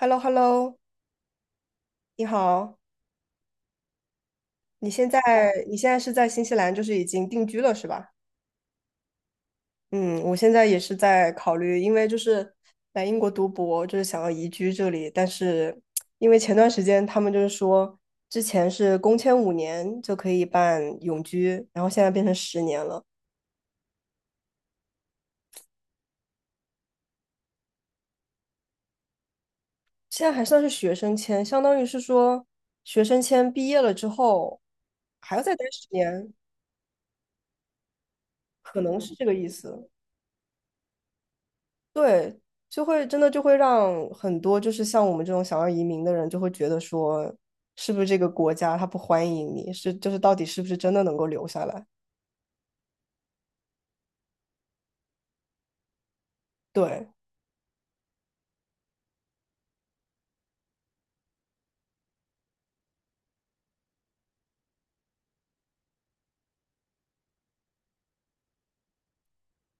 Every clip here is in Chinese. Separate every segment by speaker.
Speaker 1: h e l l o h e l l o 你好，你现在你现在是在新西兰，就是已经定居了是吧？嗯，我现在也是在考虑，因为就是来英国读博，就是想要移居这里，但是因为前段时间他们就是说，之前是工签五年就可以办永居，然后现在变成十年了，现在还算是学生签，相当于是说学生签毕业了之后还要再待十年，可能是这个意思。对，就会真的让很多就是像我们这种想要移民的人，就会觉得说，是不是这个国家他不欢迎你，到底是不是真的能够留下来？对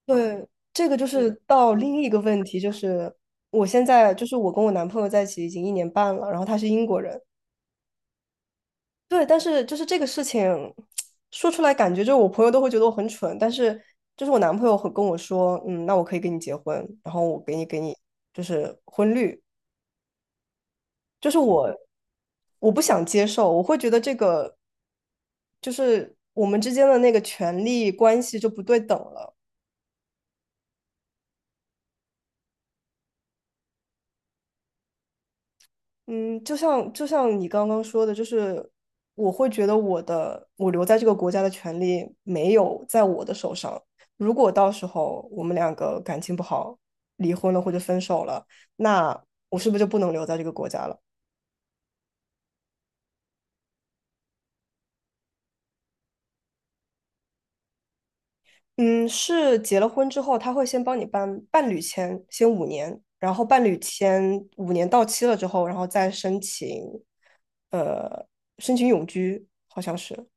Speaker 1: 对，这个就是到另一个问题，就是我现在就是我跟我男朋友在一起已经一年半了，然后他是英国人，对，但是就是这个事情说出来，感觉就是我朋友都会觉得我很蠢，但是就是我男朋友很跟我说，嗯，那我可以跟你结婚，然后我给你就是婚绿。就是我不想接受，我会觉得这个就是我们之间的那个权利关系就不对等了。嗯，就像你刚刚说的，就是我会觉得我留在这个国家的权利没有在我的手上。如果到时候我们两个感情不好，离婚了或者分手了，那我是不是就不能留在这个国家了？嗯，是结了婚之后，他会先帮你办伴侣签，先五年，然后伴侣签五年到期了之后，然后再申请，呃，申请永居，好像是。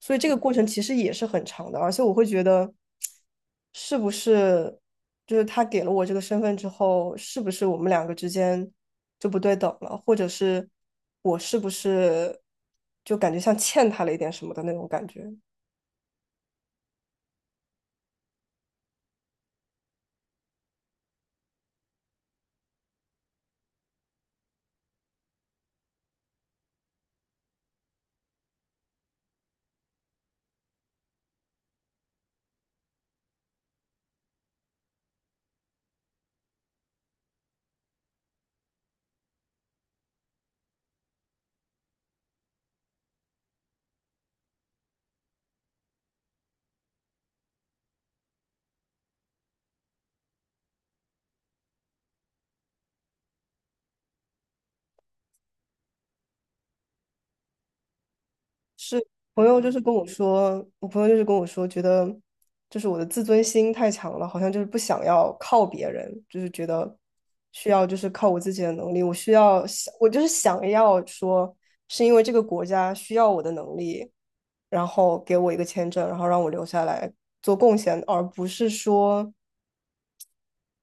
Speaker 1: 所以这个过程其实也是很长的，而且我会觉得，是不是就是他给了我这个身份之后，是不是我们两个之间就不对等了，或者是我是不是就感觉像欠他了一点什么的那种感觉？是朋友就是跟我说，我朋友就是跟我说，觉得就是我的自尊心太强了，好像就是不想要靠别人，就是觉得需要就是靠我自己的能力，我需要想，我就是想要说，是因为这个国家需要我的能力，然后给我一个签证，然后让我留下来做贡献，而不是说，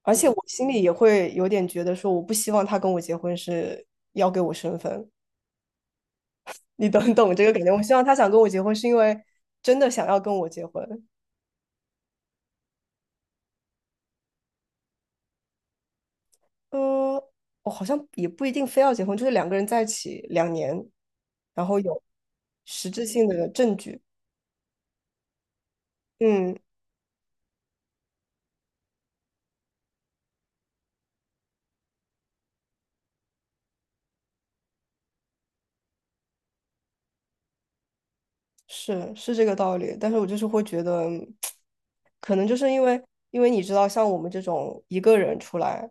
Speaker 1: 而且我心里也会有点觉得说，我不希望他跟我结婚是要给我身份。你懂懂这个感觉。我希望他想跟我结婚，是因为真的想要跟我结婚。嗯，我好像也不一定非要结婚，就是两个人在一起两年，然后有实质性的证据。嗯，是是这个道理。但是我就是会觉得，可能就是因为你知道，像我们这种一个人出来，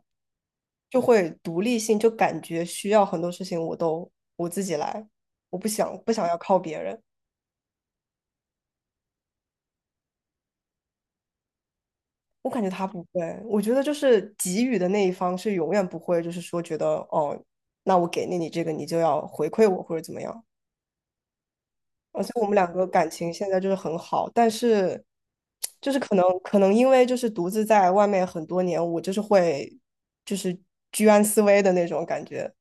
Speaker 1: 就会独立性，就感觉需要很多事情我自己来，我不想要靠别人。我感觉他不会，我觉得就是给予的那一方是永远不会，就是说觉得哦，那我给了你这个，你就要回馈我或者怎么样。而且我们两个感情现在就是很好，但是就是可能因为就是独自在外面很多年，我就是会就是居安思危的那种感觉。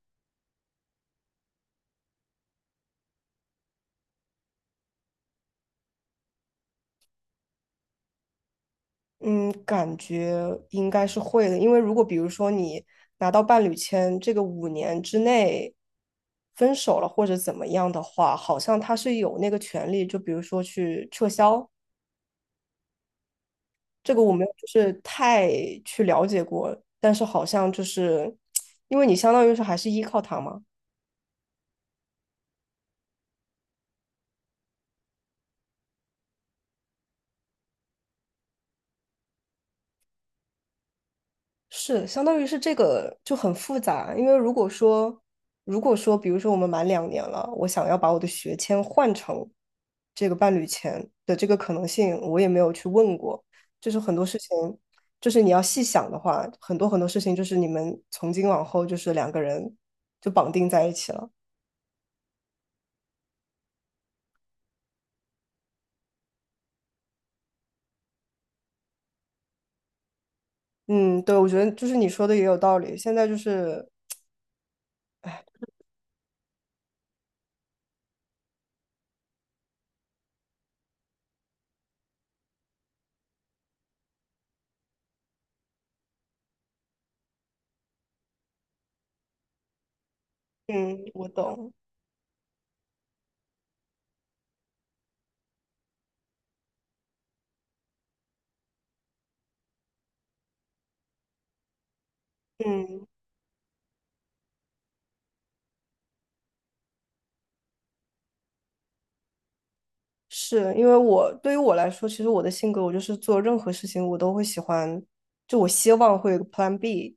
Speaker 1: 嗯，感觉应该是会的，因为如果比如说你拿到伴侣签，这个5年之内分手了或者怎么样的话，好像他是有那个权利，就比如说去撤销。这个我没有就是太去了解过，但是好像就是因为你相当于是还是依靠他嘛，是，相当于是这个就很复杂，因为如果说，比如说我们满两年了，我想要把我的学签换成这个伴侣签的这个可能性，我也没有去问过。就是很多事情，就是你要细想的话，很多很多事情就是你们从今往后就是两个人就绑定在一起了。嗯，对，我觉得就是你说的也有道理。现在就是，嗯，我懂，嗯。是因为我对于我来说，其实我的性格，我就是做任何事情我都会喜欢，就我希望会有个 Plan B。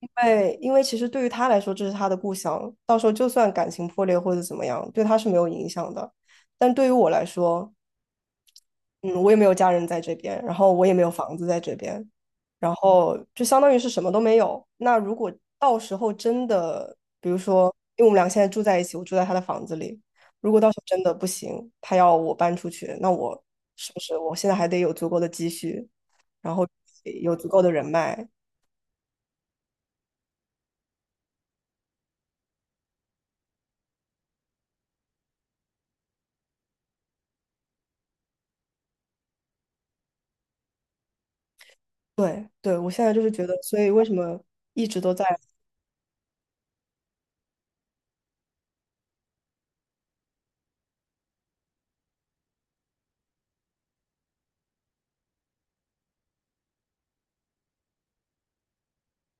Speaker 1: 因为其实对于他来说，这是他的故乡，到时候就算感情破裂或者怎么样，对他是没有影响的。但对于我来说，嗯，我也没有家人在这边，然后我也没有房子在这边，然后就相当于是什么都没有。那如果到时候真的，比如说，因为我们俩现在住在一起，我住在他的房子里，如果到时候真的不行，他要我搬出去，那我是不是我现在还得有足够的积蓄，然后有足够的人脉？对，对，我现在就是觉得，所以为什么一直都在。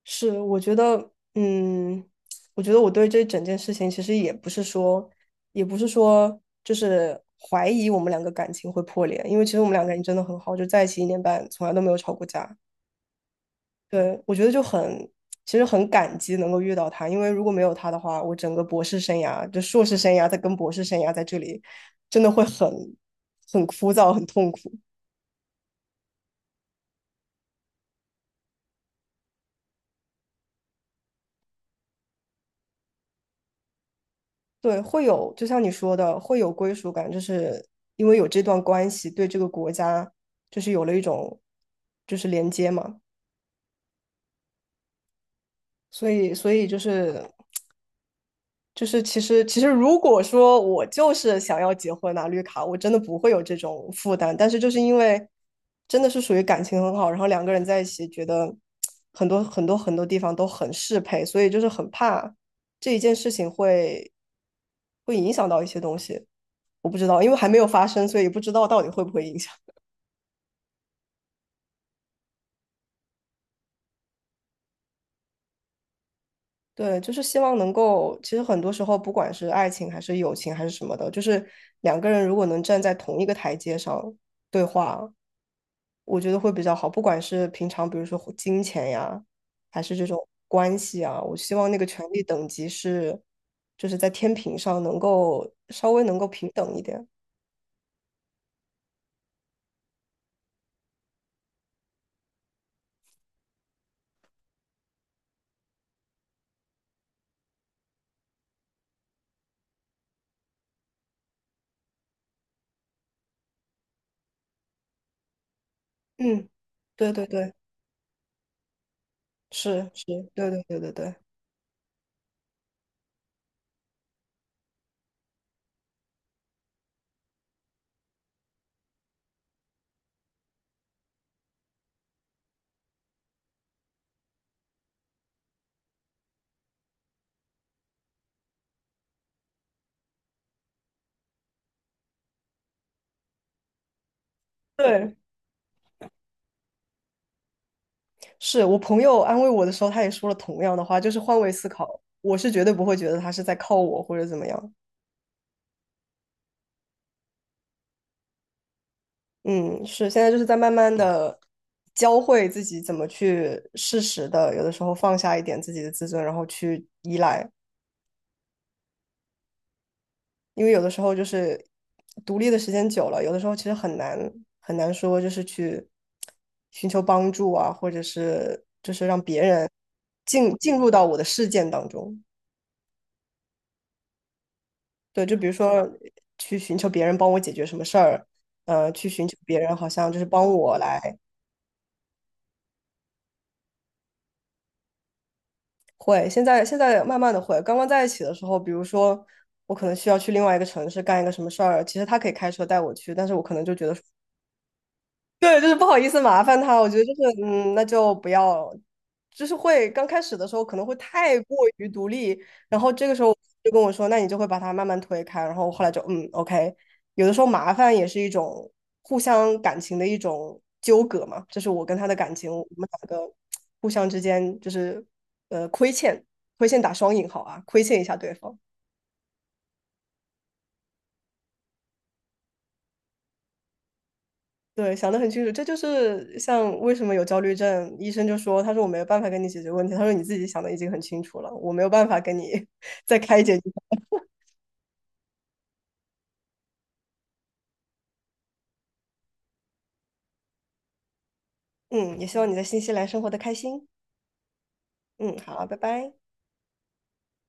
Speaker 1: 是，我觉得，嗯，我觉得我对这整件事情其实也不是说，也不是说就是怀疑我们两个感情会破裂，因为其实我们两个感情真的很好，就在一起一年半，从来都没有吵过架。对，我觉得就很，其实很感激能够遇到他，因为如果没有他的话，我整个博士生涯，就硕士生涯，再跟博士生涯在这里，真的会很枯燥，很痛苦。对，会有，就像你说的，会有归属感，就是因为有这段关系，对这个国家就是有了一种就是连接嘛，所以就是其实如果说我就是想要结婚拿绿卡，我真的不会有这种负担，但是就是因为真的是属于感情很好，然后两个人在一起觉得很多很多很多地方都很适配，所以就是很怕这一件事情会影响到一些东西。我不知道，因为还没有发生，所以不知道到底会不会影响。对，就是希望能够，其实很多时候，不管是爱情还是友情还是什么的，就是两个人如果能站在同一个台阶上对话，我觉得会比较好。不管是平常，比如说金钱呀，还是这种关系啊，我希望那个权力等级是，就是在天平上稍微能够平等一点。嗯，对对对，是是，对对对对对对。是我朋友安慰我的时候，他也说了同样的话，就是换位思考，我是绝对不会觉得他是在靠我或者怎么样。嗯，是现在就是在慢慢的教会自己怎么去适时的，有的时候放下一点自己的自尊，然后去依赖，因为有的时候就是独立的时间久了，有的时候其实很难很难说就是去寻求帮助啊，或者是就是让别人进入到我的事件当中。对，就比如说去寻求别人帮我解决什么事儿，去寻求别人好像就是帮我来会。现在慢慢的会，刚刚在一起的时候，比如说我可能需要去另外一个城市干一个什么事儿，其实他可以开车带我去，但是我可能就觉得对，就是不好意思麻烦他，我觉得就是嗯，那就不要，就是会刚开始的时候可能会太过于独立，然后这个时候就跟我说，那你就会把他慢慢推开，然后后来就嗯，OK，有的时候麻烦也是一种互相感情的一种纠葛嘛，这是我跟他的感情，我们两个互相之间就是亏欠，亏欠打双引号啊，亏欠一下对方。对，想得很清楚，这就是像为什么有焦虑症，医生就说，他说我没有办法跟你解决问题，他说你自己想的已经很清楚了，我没有办法跟你 再开解你。嗯，也希望你在新西兰生活的开心。嗯，好，拜拜。